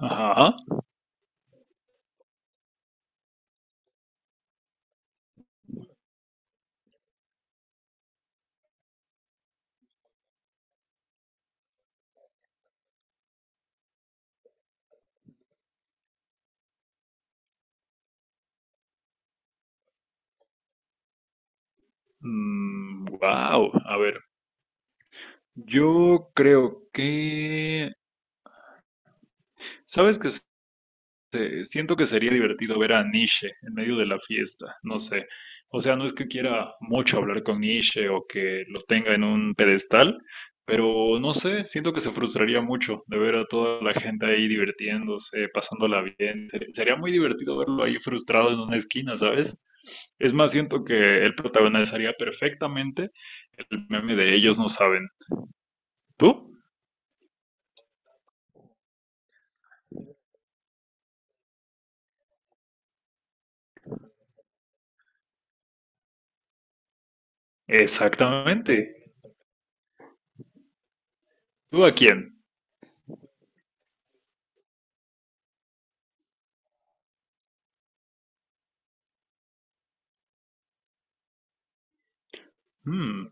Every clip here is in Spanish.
Ajá. Wow. A ver, yo creo que... ¿Sabes qué? Siento que sería divertido ver a Nietzsche en medio de la fiesta, no sé. O sea, no es que quiera mucho hablar con Nietzsche o que lo tenga en un pedestal, pero no sé, siento que se frustraría mucho de ver a toda la gente ahí divirtiéndose, pasándola bien. Sería muy divertido verlo ahí frustrado en una esquina, ¿sabes? Es más, siento que él protagonizaría perfectamente el meme de ellos no saben. ¿Tú? Exactamente. ¿Tú a quién? Mm.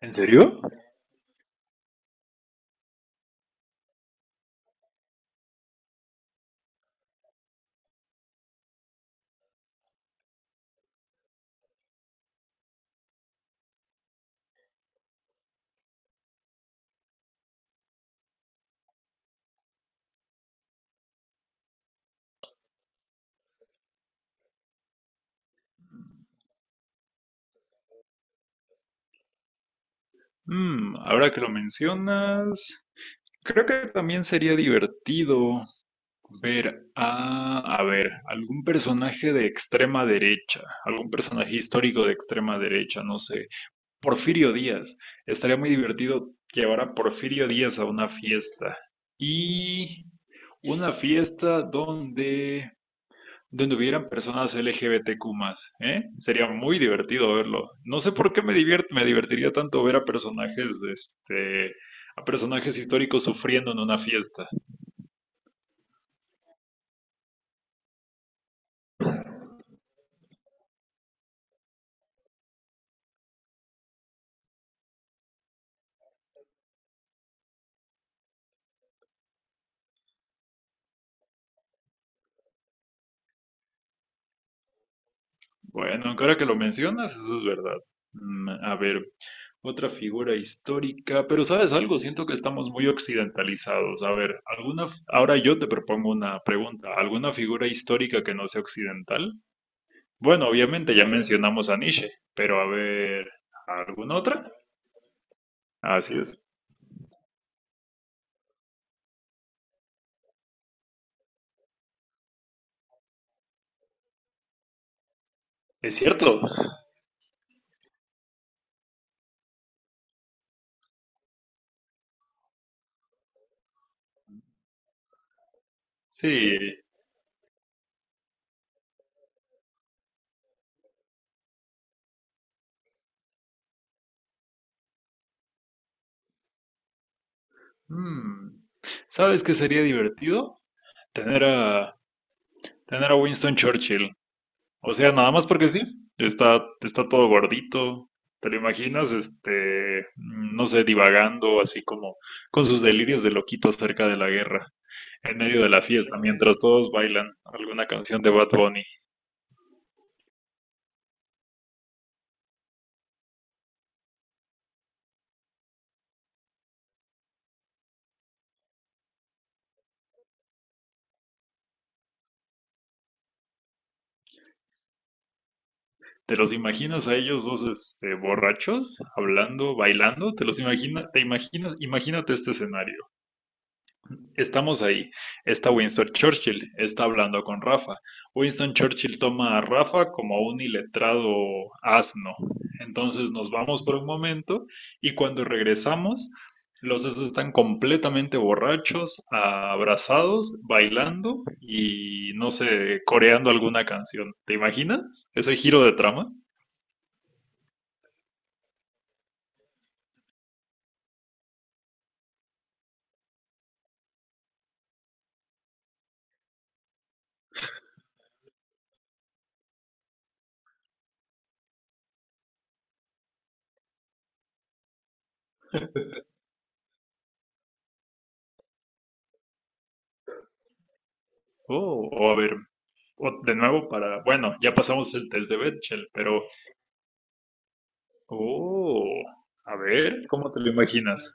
¿En serio? Mm, ahora que lo mencionas, creo que también sería divertido ver a ver, algún personaje de extrema derecha, algún personaje histórico de extrema derecha, no sé. Porfirio Díaz. Estaría muy divertido llevar a Porfirio Díaz a una fiesta. Y una fiesta donde, donde hubieran personas LGBTQ más, ¿eh? Sería muy divertido verlo. No sé por qué me divierte, me divertiría tanto ver a personajes, a personajes históricos sufriendo en una fiesta. Bueno, ahora que lo mencionas, eso es verdad. Mm. A ver, otra figura histórica, pero ¿sabes algo? Siento que estamos muy occidentalizados. A ver, alguna, ahora yo te propongo una pregunta. ¿Alguna figura histórica que no sea occidental? Bueno, obviamente ya mencionamos a Nietzsche, pero a ver, ¿alguna otra? Así es. Es cierto. Sí. Mm. ¿Sabes qué sería divertido? Tener a, tener a Winston Churchill. O sea, nada más porque sí, está, está todo gordito. ¿Te lo imaginas? No sé, divagando así como con sus delirios de loquito acerca de la guerra, en medio de la fiesta, mientras todos bailan alguna canción de Bad Bunny. ¿Te los imaginas a ellos dos, borrachos, hablando, bailando? ¿Te los imaginas? ¿Te imaginas? Imagínate este escenario. Estamos ahí. Está Winston Churchill, está hablando con Rafa. Winston Churchill toma a Rafa como a un iletrado asno. Entonces nos vamos por un momento y cuando regresamos, los dos están completamente borrachos, abrazados, bailando y no sé, coreando alguna canción. ¿Te imaginas ese giro de trama? Oh, o a ver, o de nuevo para, bueno, ya pasamos el test de Bechdel, pero oh, a ver, ¿cómo te lo imaginas?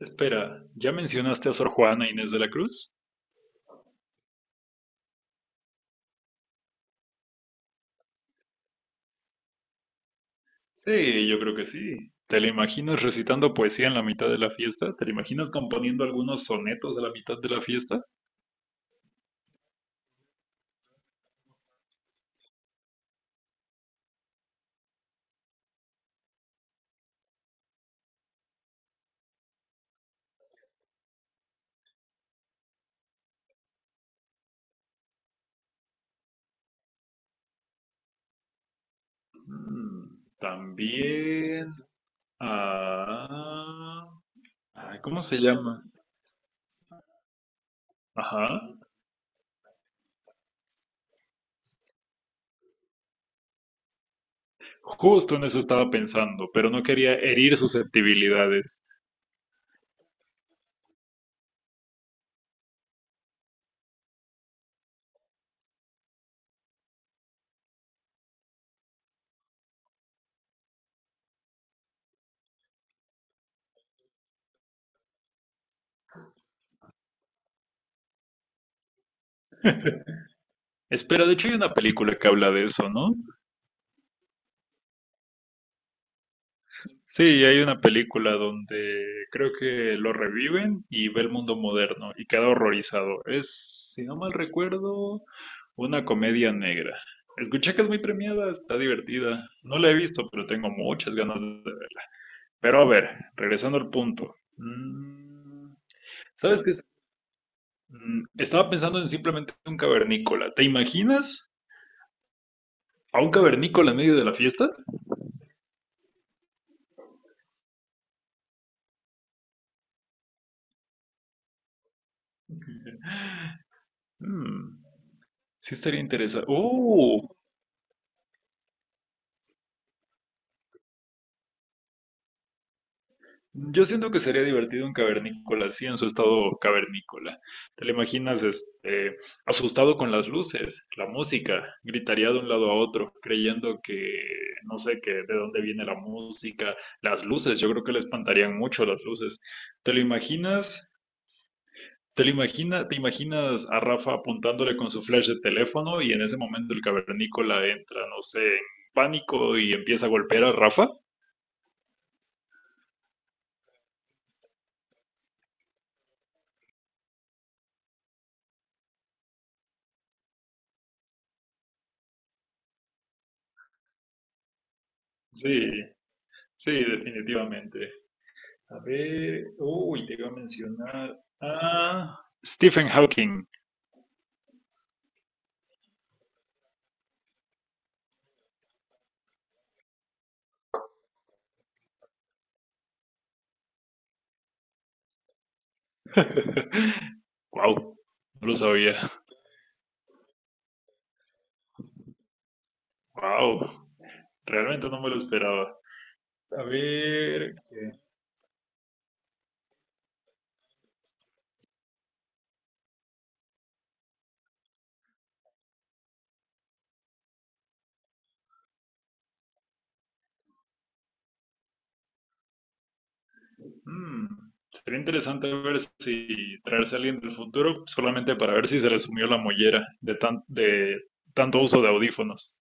Espera, ¿ya mencionaste a Sor Juana Inés de la Cruz? Sí, yo creo que sí. ¿Te la imaginas recitando poesía en la mitad de la fiesta? ¿Te la imaginas componiendo algunos sonetos a la mitad de la fiesta? Mm, también. Ah. Ay, ¿cómo se llama? Ajá. Justo en eso estaba pensando, pero no quería herir susceptibilidades. Espera, de hecho hay una película que habla de eso, ¿no? Sí, hay una película donde creo que lo reviven y ve el mundo moderno y queda horrorizado. Es, si no mal recuerdo, una comedia negra. Escuché que es muy premiada, está divertida. No la he visto, pero tengo muchas ganas de ver. Pero a ver, regresando al punto. Mm. ¿Sabes qué? ¿Es? Mm, estaba pensando en simplemente un cavernícola. ¿Te imaginas a un cavernícola en medio de la fiesta? Mm, sí estaría interesante. ¡Oh! Yo siento que sería divertido un cavernícola así en su estado cavernícola. ¿Te lo imaginas asustado con las luces, la música? Gritaría de un lado a otro, creyendo que no sé qué, de dónde viene la música, las luces. Yo creo que le espantarían mucho las luces. ¿Te lo imaginas? ¿Te lo imagina, te imaginas a Rafa apuntándole con su flash de teléfono y en ese momento el cavernícola entra, no sé, en pánico y empieza a golpear a Rafa? Sí, sí, definitivamente. A ver, uy, te iba a mencionar a Stephen Hawking. Wow, no lo sabía. Wow, realmente no me lo esperaba. A ver, ¿qué? Mm, sería interesante ver si traerse a alguien del futuro solamente para ver si se le sumió la mollera de de tanto uso de audífonos.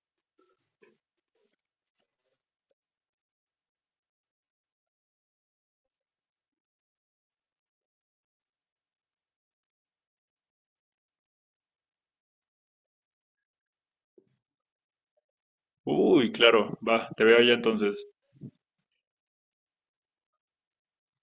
Uy, claro, va, te veo ya entonces.